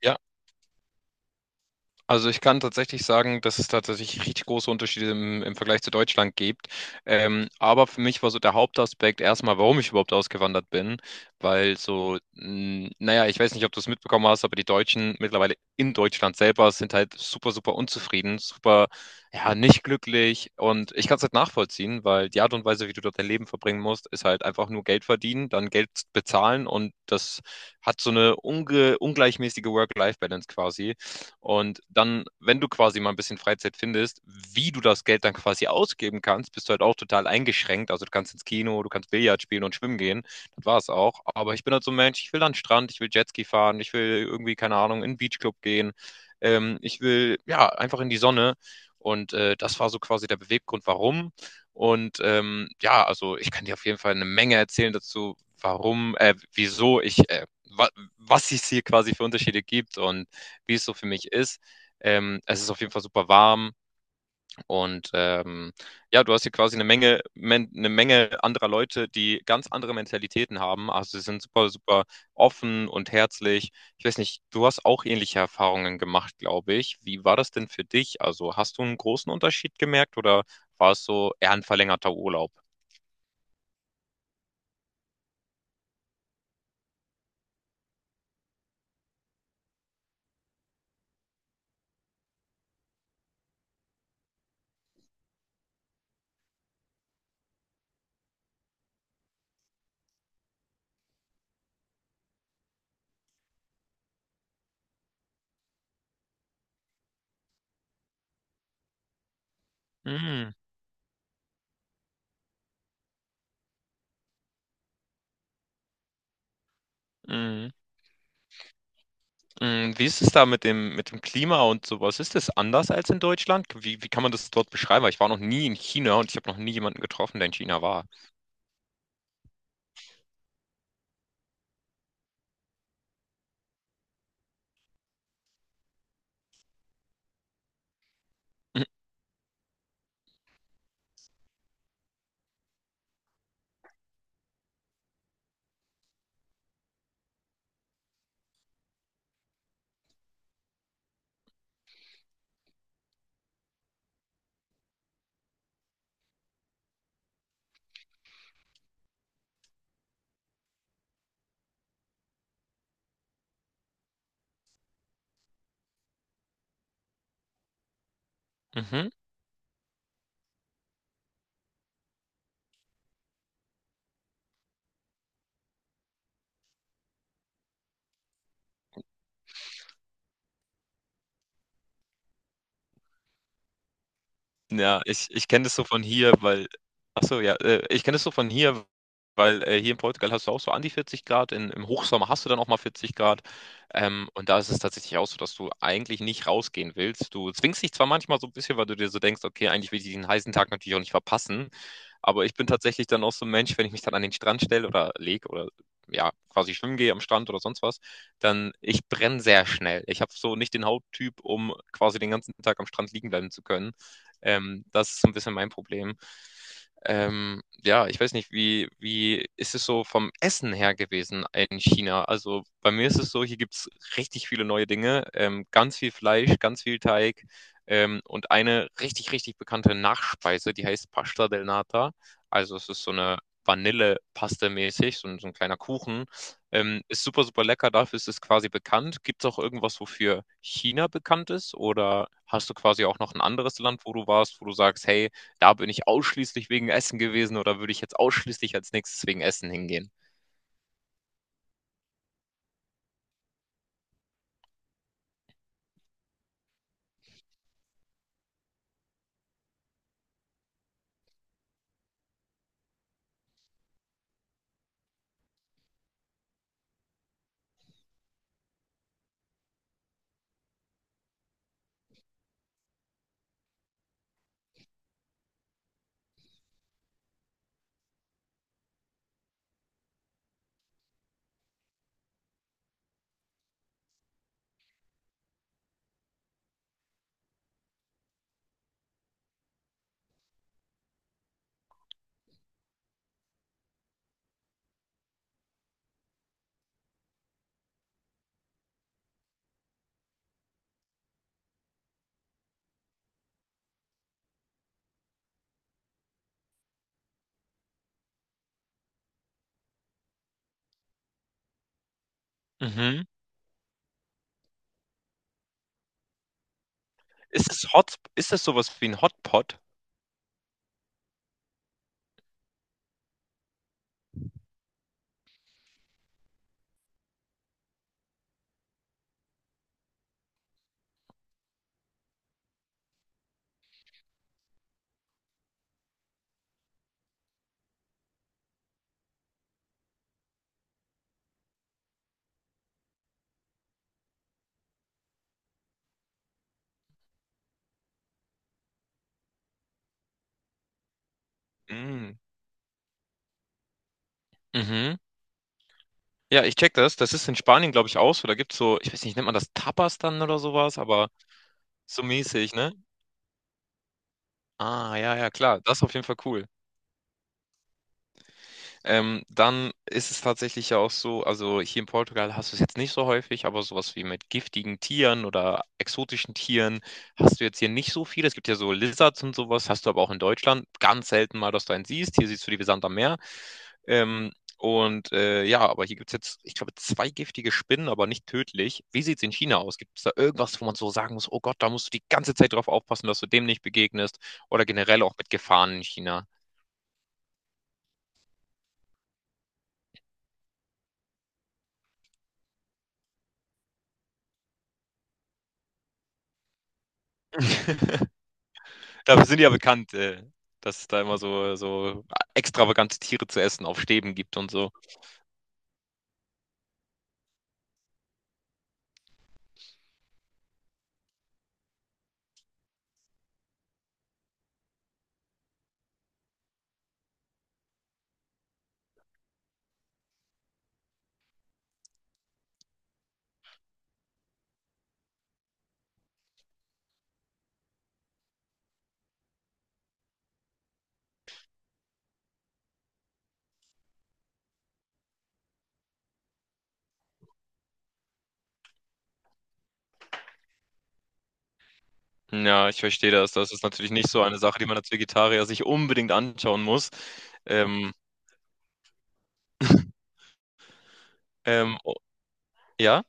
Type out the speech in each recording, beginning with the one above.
Ja, also ich kann tatsächlich sagen, dass es tatsächlich richtig große Unterschiede im Vergleich zu Deutschland gibt. Aber für mich war so der Hauptaspekt erstmal, warum ich überhaupt ausgewandert bin, weil so, naja, ich weiß nicht, ob du es mitbekommen hast, aber die Deutschen mittlerweile in Deutschland selber sind halt super, super unzufrieden, super, ja, nicht glücklich. Und ich kann es halt nachvollziehen, weil die Art und Weise, wie du dort dein Leben verbringen musst, ist halt einfach nur Geld verdienen, dann Geld bezahlen, und das hat so eine unge ungleichmäßige Work-Life-Balance quasi. Und dann, wenn du quasi mal ein bisschen Freizeit findest, wie du das Geld dann quasi ausgeben kannst, bist du halt auch total eingeschränkt. Also du kannst ins Kino, du kannst Billard spielen und schwimmen gehen. Das war es auch. Aber ich bin halt so ein Mensch, ich will an den Strand, ich will Jetski fahren, ich will irgendwie, keine Ahnung, in den Beachclub gehen. Ich will, ja, einfach in die Sonne. Und das war so quasi der Beweggrund, warum. Und ja, also ich kann dir auf jeden Fall eine Menge erzählen dazu, warum, wieso ich, wa was es hier quasi für Unterschiede gibt und wie es so für mich ist. Es ist auf jeden Fall super warm, und ja, du hast hier quasi eine Menge anderer Leute, die ganz andere Mentalitäten haben. Also sie sind super, super offen und herzlich. Ich weiß nicht, du hast auch ähnliche Erfahrungen gemacht, glaube ich. Wie war das denn für dich? Also hast du einen großen Unterschied gemerkt, oder war es so eher ein verlängerter Urlaub? Mm, mm. Mm. Wie ist es da mit dem Klima und sowas? Ist es anders als in Deutschland? Wie kann man das dort beschreiben? Weil ich war noch nie in China, und ich habe noch nie jemanden getroffen, der in China war. Mhm. Ja, ich kenne das so von hier, weil, ach so, ja, ich kenne das so von hier, weil hier in Portugal hast du auch so an die 40 Grad, im Hochsommer hast du dann auch mal 40 Grad. Und da ist es tatsächlich auch so, dass du eigentlich nicht rausgehen willst. Du zwingst dich zwar manchmal so ein bisschen, weil du dir so denkst, okay, eigentlich will ich diesen heißen Tag natürlich auch nicht verpassen. Aber ich bin tatsächlich dann auch so ein Mensch, wenn ich mich dann an den Strand stelle oder lege oder ja, quasi schwimmen gehe am Strand oder sonst was, dann ich brenne sehr schnell. Ich habe so nicht den Hauttyp, um quasi den ganzen Tag am Strand liegen bleiben zu können. Das ist so ein bisschen mein Problem. Ja, ich weiß nicht, wie ist es so vom Essen her gewesen in China? Also bei mir ist es so, hier gibt's richtig viele neue Dinge, ganz viel Fleisch, ganz viel Teig, und eine richtig, richtig bekannte Nachspeise, die heißt Pasta del Nata. Also es ist so eine Vanillepaste mäßig, so, so ein kleiner Kuchen. Ist super, super lecker, dafür ist es quasi bekannt. Gibt es auch irgendwas, wofür China bekannt ist? Oder hast du quasi auch noch ein anderes Land, wo du warst, wo du sagst, hey, da bin ich ausschließlich wegen Essen gewesen, oder würde ich jetzt ausschließlich als nächstes wegen Essen hingehen? Mhm. Ist es sowas wie ein Hotpot? Mm. Mhm. Ja, ich check das. Das ist in Spanien, glaube ich, auch so. Da gibt's so, ich weiß nicht, nennt man das Tapas dann oder sowas, aber so mäßig, ne? Ah, ja, ja, klar. Das ist auf jeden Fall cool. Dann ist es tatsächlich ja auch so, also hier in Portugal hast du es jetzt nicht so häufig, aber sowas wie mit giftigen Tieren oder exotischen Tieren hast du jetzt hier nicht so viel. Es gibt ja so Lizards und sowas, hast du aber auch in Deutschland ganz selten mal, dass du einen siehst. Hier siehst du die wie Sand am Meer. Ähm, und ja, aber hier gibt es jetzt, ich glaube, zwei giftige Spinnen, aber nicht tödlich. Wie sieht es in China aus? Gibt es da irgendwas, wo man so sagen muss, oh Gott, da musst du die ganze Zeit drauf aufpassen, dass du dem nicht begegnest? Oder generell auch mit Gefahren in China? Dafür sind die ja bekannt, dass es da immer so extravagante Tiere zu essen auf Stäben gibt und so. Ja, ich verstehe das. Das ist natürlich nicht so eine Sache, die man als Vegetarier sich unbedingt anschauen muss. Ähm, ähm, o- ja.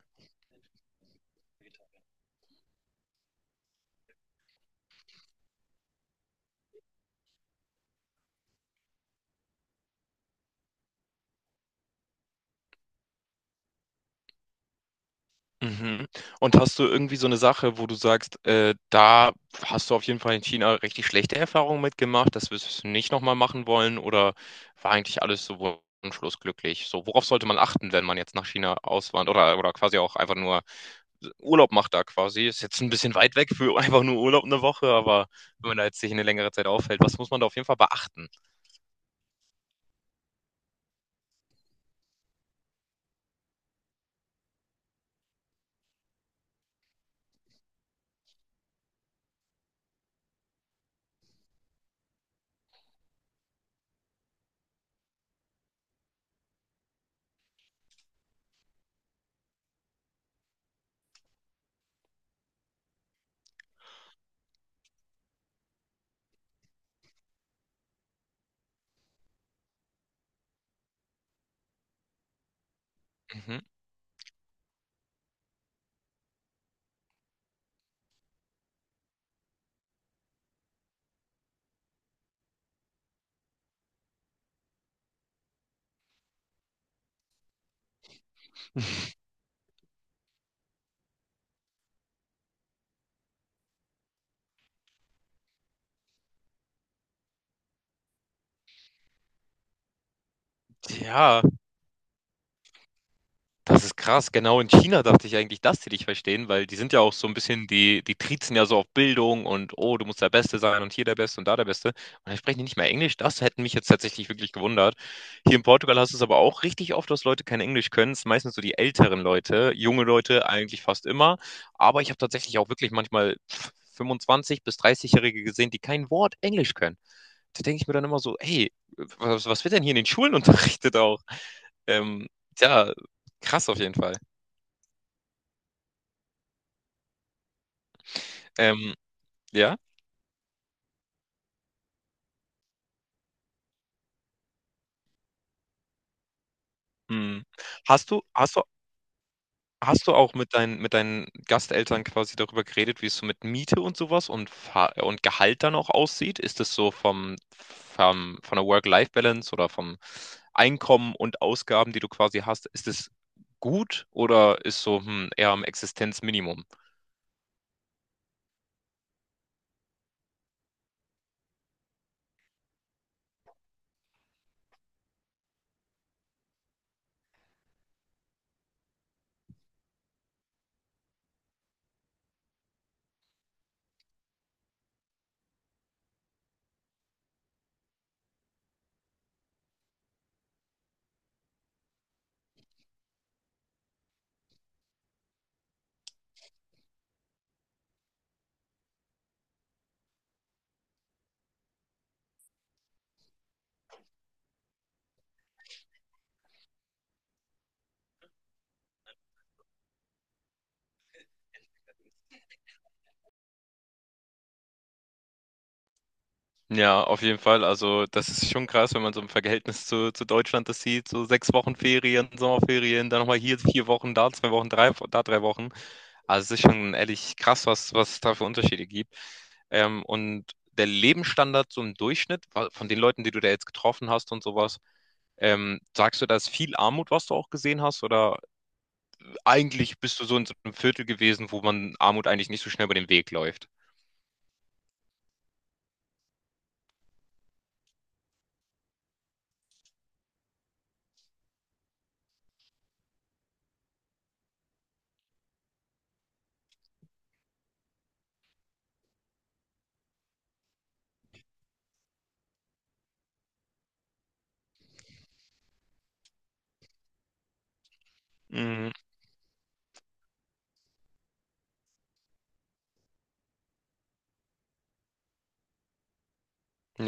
Mhm. Und hast du irgendwie so eine Sache, wo du sagst, da hast du auf jeden Fall in China richtig schlechte Erfahrungen mitgemacht, das wirst du nicht nochmal machen wollen, oder war eigentlich alles so wunschlos glücklich? So, worauf sollte man achten, wenn man jetzt nach China auswandert, oder quasi auch einfach nur Urlaub macht da quasi. Ist jetzt ein bisschen weit weg für einfach nur Urlaub eine Woche, aber wenn man da jetzt sich eine längere Zeit aufhält, was muss man da auf jeden Fall beachten? Mhm. Ja, das ist krass. Genau in China dachte ich eigentlich, dass die dich verstehen, weil die sind ja auch so ein bisschen, die, die triezen ja so auf Bildung, und oh, du musst der Beste sein und hier der Beste und da der Beste. Und dann sprechen die nicht mehr Englisch. Das hätte mich jetzt tatsächlich wirklich gewundert. Hier in Portugal hast du es aber auch richtig oft, dass Leute kein Englisch können. Es sind meistens so die älteren Leute, junge Leute eigentlich fast immer. Aber ich habe tatsächlich auch wirklich manchmal 25- bis 30-Jährige gesehen, die kein Wort Englisch können. Da denke ich mir dann immer so, hey, was wird denn hier in den Schulen unterrichtet auch? Ähm, Tja, krass auf jeden Fall. Ähm, ja? Mhm. Hast du hast du hast du auch mit deinen Gasteltern quasi darüber geredet, wie es so mit Miete und so was und Fa und Gehalt dann auch aussieht? Ist das so vom vom von der Work-Life-Balance oder vom Einkommen und Ausgaben, die du quasi hast, ist es gut, oder ist so, eher am Existenzminimum? Ja, auf jeden Fall. Also, das ist schon krass, wenn man so im Verhältnis zu Deutschland das sieht. So 6 Wochen Ferien, Sommerferien, dann nochmal hier 4 Wochen, da 2 Wochen, drei, da 3 Wochen. Also es ist schon ehrlich krass, was es da für Unterschiede gibt. Und der Lebensstandard so im Durchschnitt von den Leuten, die du da jetzt getroffen hast und sowas, sagst du, da ist viel Armut, was du auch gesehen hast? Oder eigentlich bist du so in so einem Viertel gewesen, wo man Armut eigentlich nicht so schnell über den Weg läuft? Mhm.